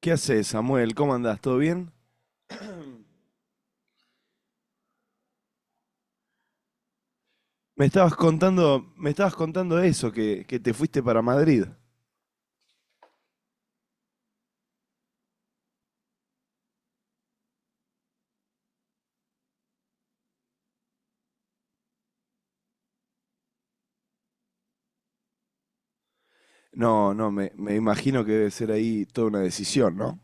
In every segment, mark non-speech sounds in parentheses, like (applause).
¿Qué haces, Samuel? ¿Cómo andás? ¿Todo bien? Me estabas contando eso, que te fuiste para Madrid. No, no, me imagino que debe ser ahí toda una decisión, ¿no?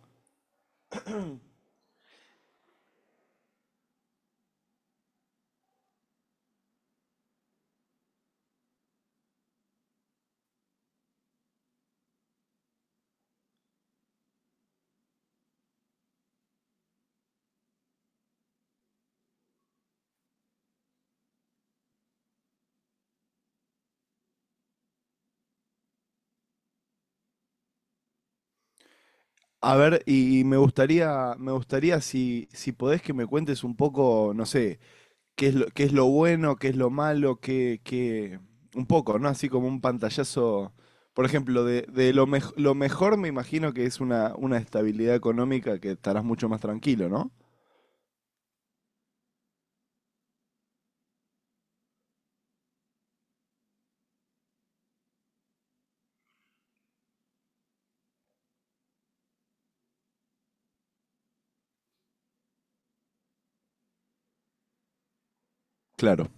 A ver, y me gustaría si, si podés que me cuentes un poco, no sé, qué es lo bueno, qué es lo malo, qué, qué, un poco, ¿no? Así como un pantallazo, por ejemplo, de lo, lo mejor me imagino que es una estabilidad económica que estarás mucho más tranquilo, ¿no? Claro,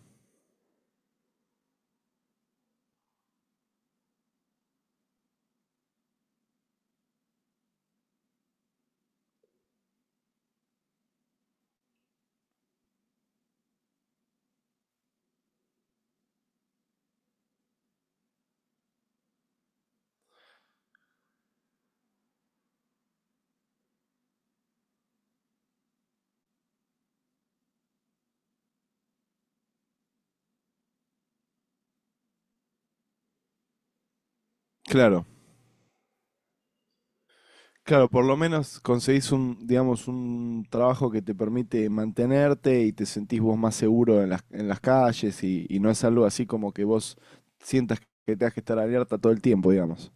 claro. Claro, por lo menos conseguís un, digamos, un trabajo que te permite mantenerte y te sentís vos más seguro en las calles y no es algo así como que vos sientas que tengas que estar alerta todo el tiempo, digamos.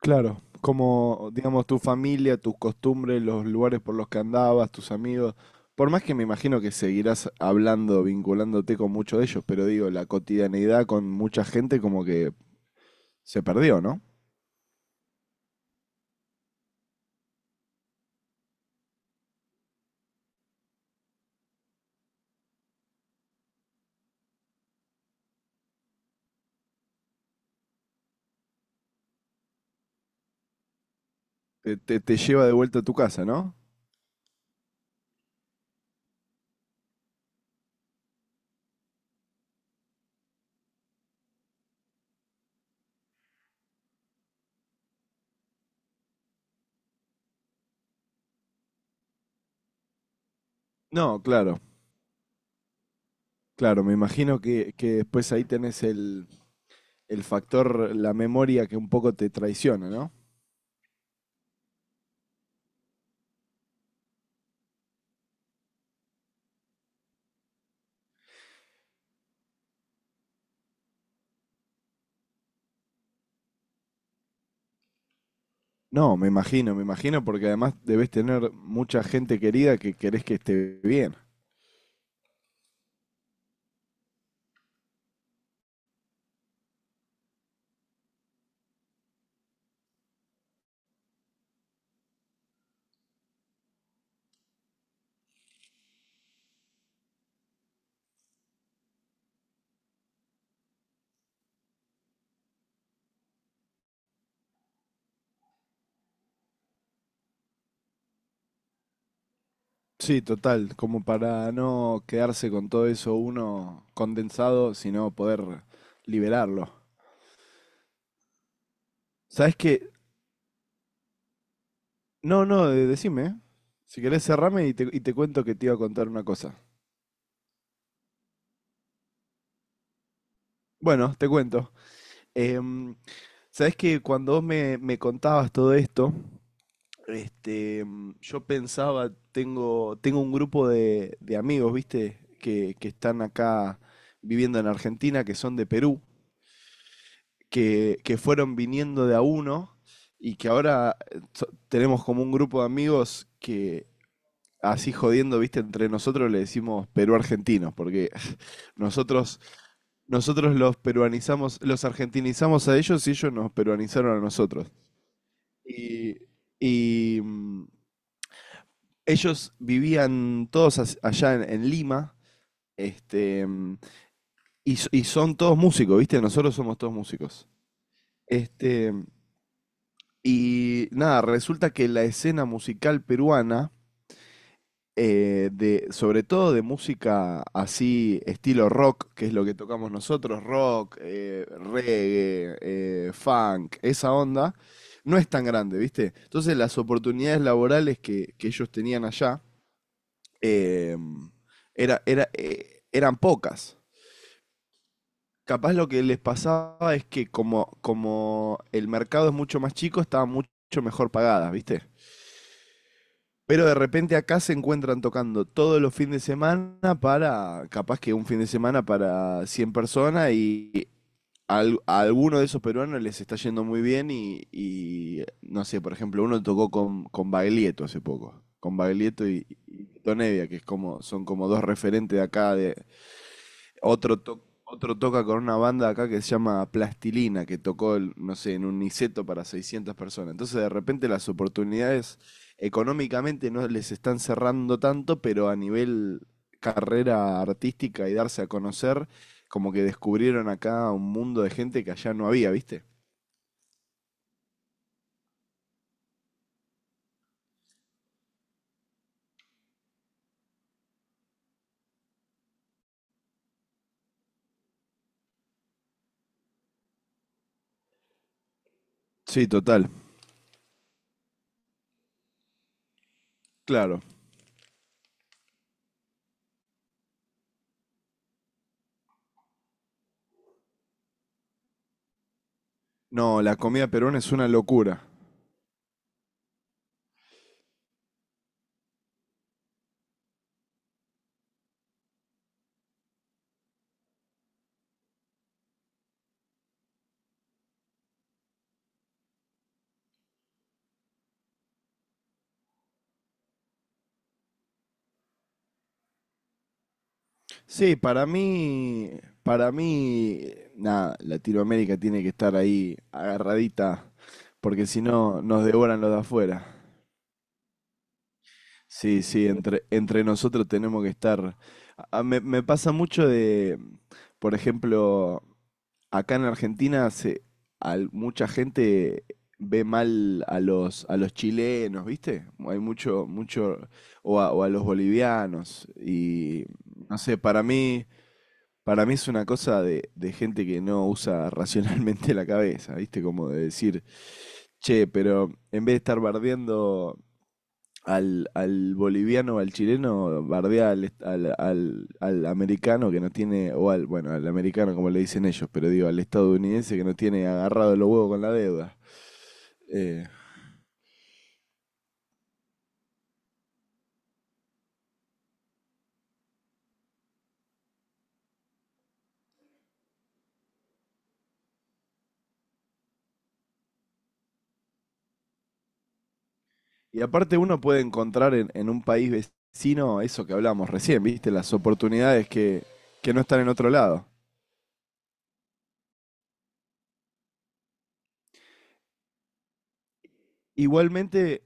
Claro, como, digamos, tu familia, tus costumbres, los lugares por los que andabas, tus amigos, por más que me imagino que seguirás hablando, vinculándote con muchos de ellos, pero digo, la cotidianidad con mucha gente como que se perdió, ¿no? Te, te lleva de vuelta a tu casa, ¿no? No, claro, claro, me imagino que después ahí tenés el factor, la memoria que un poco te traiciona, ¿no? No, me imagino, porque además debes tener mucha gente querida que querés que esté bien. Sí, total, como para no quedarse con todo eso uno condensado, sino poder liberarlo. ¿Sabes qué? No, no, decime. Si querés, cerrame y te cuento que te iba a contar una cosa. Bueno, te cuento. Em, sabés que cuando vos me, me contabas todo esto, este, yo pensaba, tengo, tengo un grupo de amigos, ¿viste? Que están acá viviendo en Argentina, que son de Perú, que fueron viniendo de a uno y que ahora tenemos como un grupo de amigos que, así jodiendo, viste, entre nosotros le decimos perú-argentinos, porque (laughs) nosotros, nosotros los peruanizamos, los argentinizamos a ellos y ellos nos peruanizaron a nosotros. Y, y, mm, ellos vivían todos allá en Lima, este, mm, y, y son todos músicos, viste, nosotros somos todos músicos. Este, y nada, resulta que la escena musical peruana de, sobre todo de música así, estilo rock, que es lo que tocamos nosotros, rock, reggae, funk, esa onda, no es tan grande, ¿viste? Entonces las oportunidades laborales que ellos tenían allá eh, era, era, eran pocas. Capaz lo que les pasaba es que como, como el mercado es mucho más chico, estaban mucho mejor pagadas, ¿viste? Pero de repente acá se encuentran tocando todos los fines de semana para, capaz que un fin de semana para 100 personas y a alguno de esos peruanos les está yendo muy bien y, no sé, por ejemplo, uno tocó con Baglietto hace poco, con Baglietto y Tito Nevia, que es como, son como dos referentes de acá de, otro, otro toca con una banda acá que se llama Plastilina, que tocó, no sé, en un Niceto para 600 personas. Entonces, de repente, las oportunidades económicamente no les están cerrando tanto, pero a nivel carrera artística y darse a conocer, como que descubrieron acá un mundo de gente que allá no había, ¿viste? Sí, total, claro. No, la comida peruana es una locura. Sí, para mí, nada, Latinoamérica tiene que estar ahí agarradita, porque si no nos devoran los de afuera. Sí, sí, entre, entre nosotros tenemos que estar. Me, me pasa mucho de, por ejemplo, acá en Argentina se, mucha gente ve mal a los chilenos, ¿viste? Hay mucho, mucho, o a los bolivianos, y no sé, para mí... Para mí es una cosa de gente que no usa racionalmente la cabeza, ¿viste? Como de decir, che, pero en vez de estar bardeando al, al boliviano o al chileno, bardea al, al, al americano que no tiene, o al, bueno, al americano como le dicen ellos, pero digo, al estadounidense que no tiene agarrado los huevos con la deuda. Eh, y aparte uno puede encontrar en un país vecino eso que hablamos recién, ¿viste? Las oportunidades que no están en otro lado. Igualmente,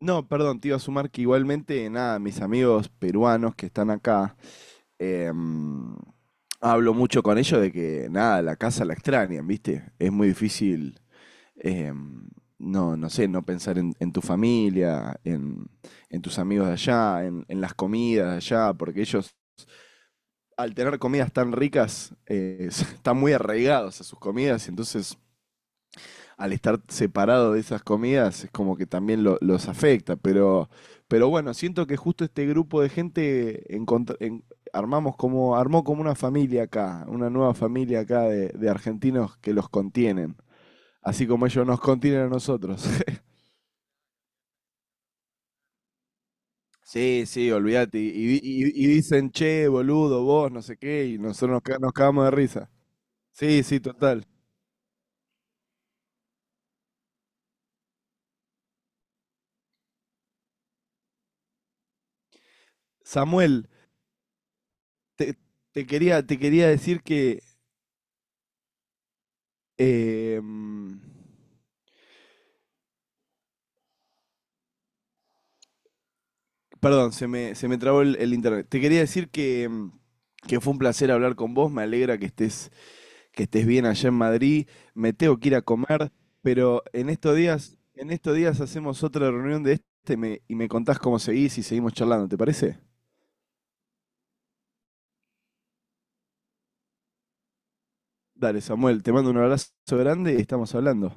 no, perdón, te iba a sumar que igualmente, nada, mis amigos peruanos que están acá, em, hablo mucho con ellos de que, nada, la casa la extrañan, ¿viste? Es muy difícil, em, no, no sé, no pensar en tu familia, en tus amigos de allá, en las comidas de allá, porque ellos, al tener comidas tan ricas, (laughs) están muy arraigados a sus comidas y entonces al estar separado de esas comidas es como que también los afecta, pero bueno, siento que justo este grupo de gente armamos como, armó como una familia acá, una nueva familia acá de argentinos que los contienen, así como ellos nos contienen a nosotros. (laughs) Sí, sí, olvídate, y, y dicen, che, boludo, vos, no sé qué, y nosotros nos, nos cagamos de risa. Sí, sí, total. Samuel, te, te quería decir que... em, perdón, se me trabó el internet. Te quería decir que, mm, que fue un placer hablar con vos. Me alegra que estés bien allá en Madrid. Me tengo que ir a comer, pero en estos días hacemos otra reunión de este y me contás cómo seguís y seguimos charlando, ¿te parece? Dale, Samuel, te mando un abrazo grande y estamos hablando.